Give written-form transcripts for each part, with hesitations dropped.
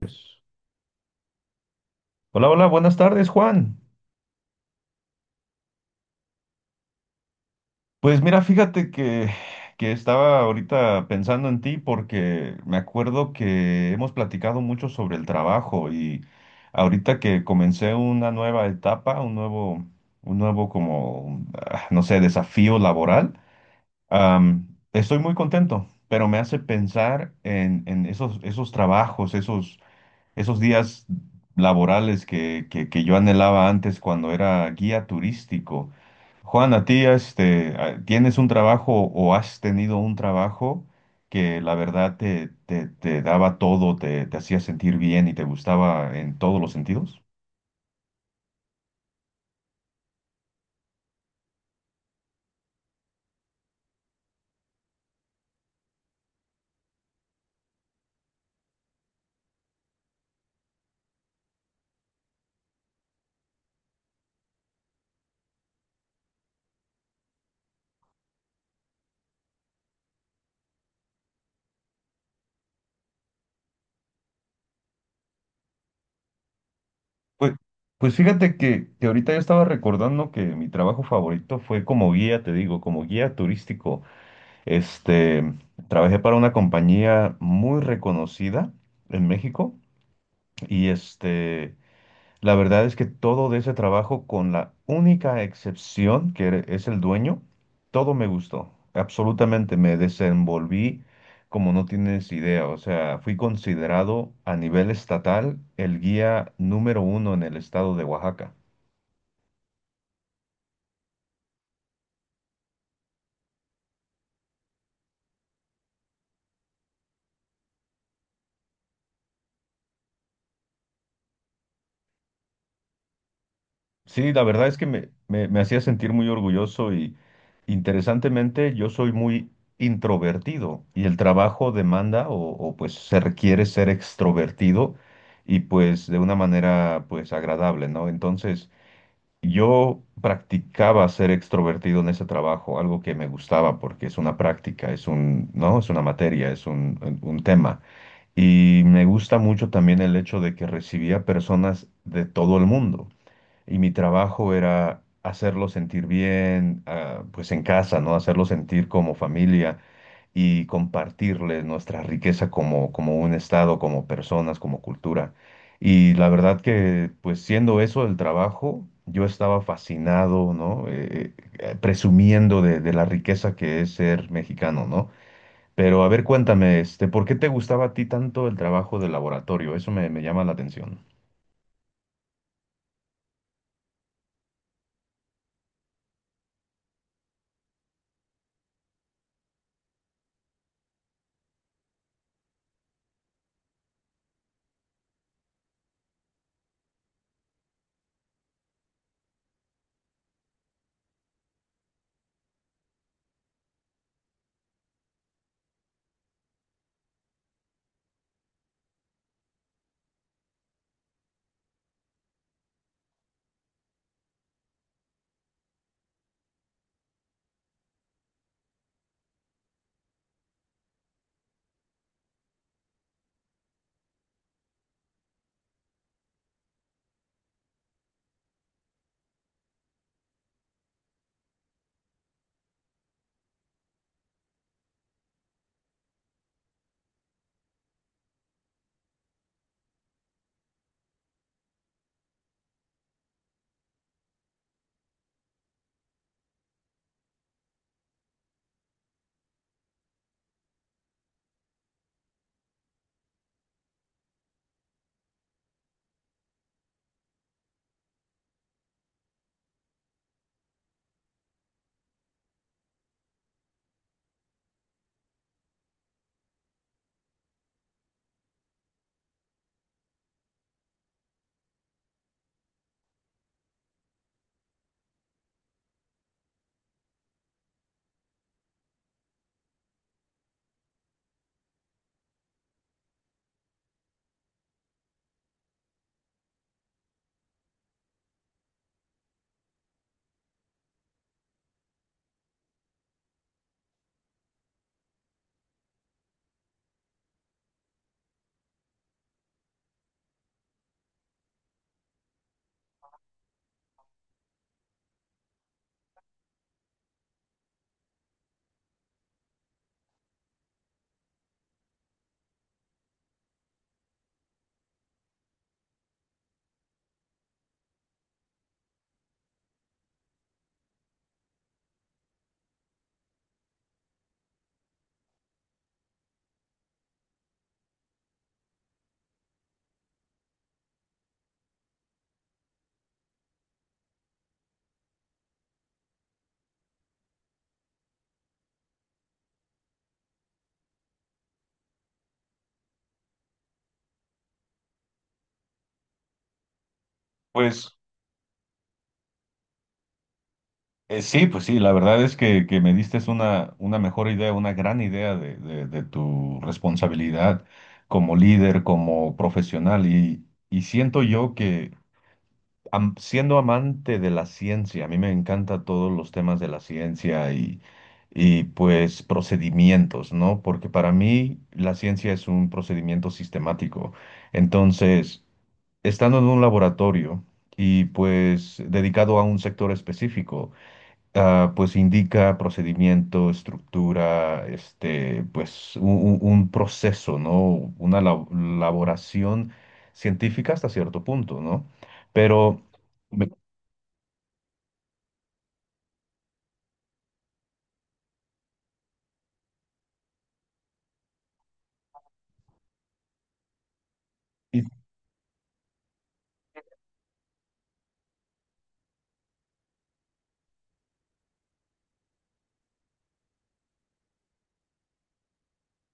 Pues, hola, hola, buenas tardes, Juan. Pues mira, fíjate que estaba ahorita pensando en ti porque me acuerdo que hemos platicado mucho sobre el trabajo, y ahorita que comencé una nueva etapa, un nuevo como, no sé, desafío laboral. am, Estoy muy contento, pero me hace pensar en esos, esos, trabajos, esos días laborales que yo anhelaba antes cuando era guía turístico. Juan, a ti, ¿tienes un trabajo o has tenido un trabajo que la verdad te daba todo, te hacía sentir bien y te gustaba en todos los sentidos? Pues, pues fíjate que ahorita yo estaba recordando que mi trabajo favorito fue como guía, te digo, como guía turístico. Este, Trabajé para una compañía muy reconocida en México y la verdad es que todo de ese trabajo, con la única excepción que es el dueño, todo me gustó. Absolutamente me desenvolví como no tienes idea. O sea, fui considerado a nivel estatal el guía número uno en el estado de Oaxaca. Sí, la verdad es que me hacía sentir muy orgulloso, y interesantemente yo soy muy introvertido y el trabajo demanda o pues se requiere ser extrovertido, y pues de una manera pues agradable, ¿no? Entonces yo practicaba ser extrovertido en ese trabajo, algo que me gustaba porque es una práctica, es un, ¿no? Es una materia, es un tema. Y me gusta mucho también el hecho de que recibía personas de todo el mundo, y mi trabajo era hacerlo sentir bien, pues en casa, ¿no? Hacerlo sentir como familia, y compartirles nuestra riqueza como, como un estado, como personas, como cultura. Y la verdad que, pues siendo eso el trabajo, yo estaba fascinado, ¿no? Presumiendo de la riqueza que es ser mexicano, ¿no? Pero a ver, cuéntame, este, ¿por qué te gustaba a ti tanto el trabajo de laboratorio? Eso me llama la atención. Pues, sí, pues sí, la verdad es que me diste una mejor idea, una gran idea de tu responsabilidad como líder, como profesional, y siento yo que, siendo amante de la ciencia, a mí me encanta todos los temas de la ciencia, y pues procedimientos, ¿no? Porque para mí la ciencia es un procedimiento sistemático. Entonces, estando en un laboratorio y pues dedicado a un sector específico, pues indica procedimiento, estructura, este, pues un proceso, ¿no? Una elaboración científica hasta cierto punto, ¿no? Pero me- y-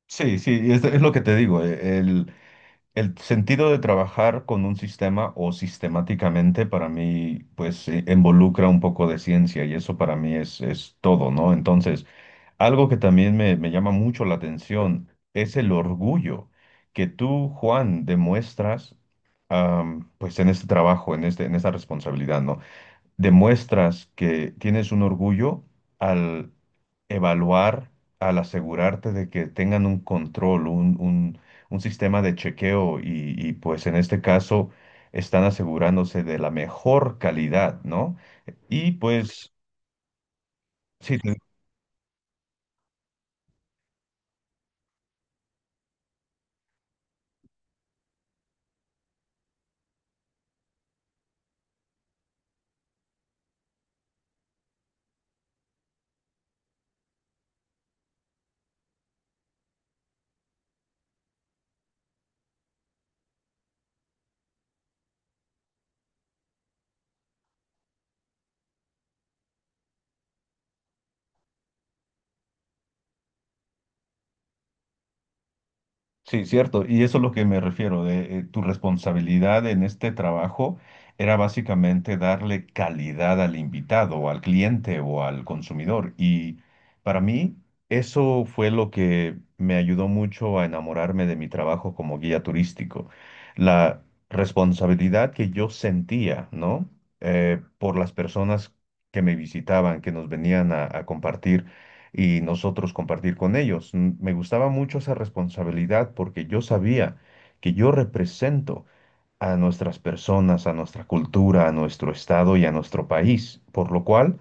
sí, sí, es, lo que te digo. El sentido de trabajar con un sistema o sistemáticamente para mí, pues, involucra un poco de ciencia, y eso para mí es todo, ¿no? Entonces, algo que también me llama mucho la atención es el orgullo que tú, Juan, demuestras, pues en este trabajo, en este, en esta responsabilidad, ¿no? Demuestras que tienes un orgullo al evaluar, al asegurarte de que tengan un control, un sistema de chequeo y, pues en este caso están asegurándose de la mejor calidad, ¿no? Y pues sí. Sí, cierto, y eso es lo que me refiero, de tu responsabilidad en este trabajo era básicamente darle calidad al invitado, o al cliente o al consumidor. Y para mí eso fue lo que me ayudó mucho a enamorarme de mi trabajo como guía turístico. La responsabilidad que yo sentía, ¿no? Por las personas que me visitaban, que nos venían a compartir y nosotros compartir con ellos. Mm. Me gustaba mucho esa responsabilidad porque yo sabía que yo represento a nuestras personas, a nuestra cultura, a nuestro estado y a nuestro país, por lo cual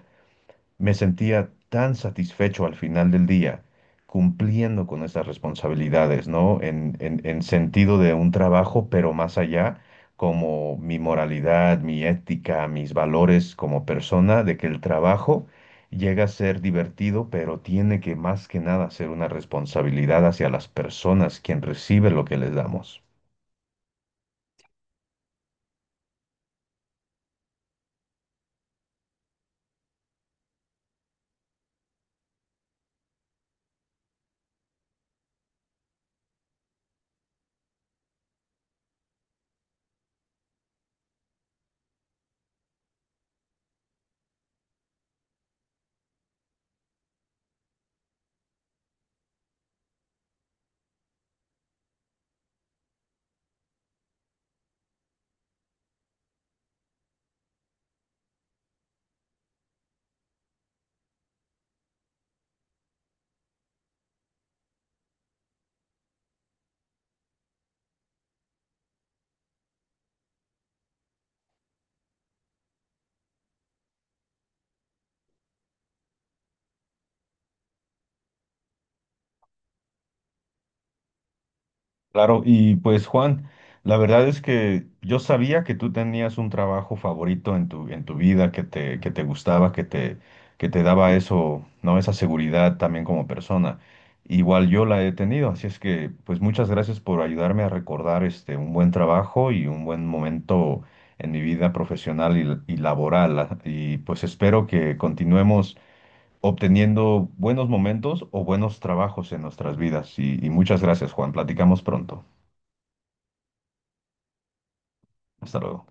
me sentía tan satisfecho al final del día, cumpliendo con esas responsabilidades, ¿no? En sentido de un trabajo, pero más allá, como mi moralidad, mi ética, mis valores como persona, de que el trabajo llega a ser divertido, pero tiene que más que nada ser una responsabilidad hacia las personas, quien recibe lo que les damos. Claro, y pues Juan, la verdad es que yo sabía que tú tenías un trabajo favorito en tu vida, que te gustaba, que te daba eso, ¿no? Esa seguridad también como persona. Igual yo la he tenido, así es que pues muchas gracias por ayudarme a recordar un buen trabajo y un buen momento en mi vida profesional y laboral. Y pues espero que continuemos obteniendo buenos momentos o buenos trabajos en nuestras vidas. Y muchas gracias, Juan. Platicamos pronto. Hasta luego.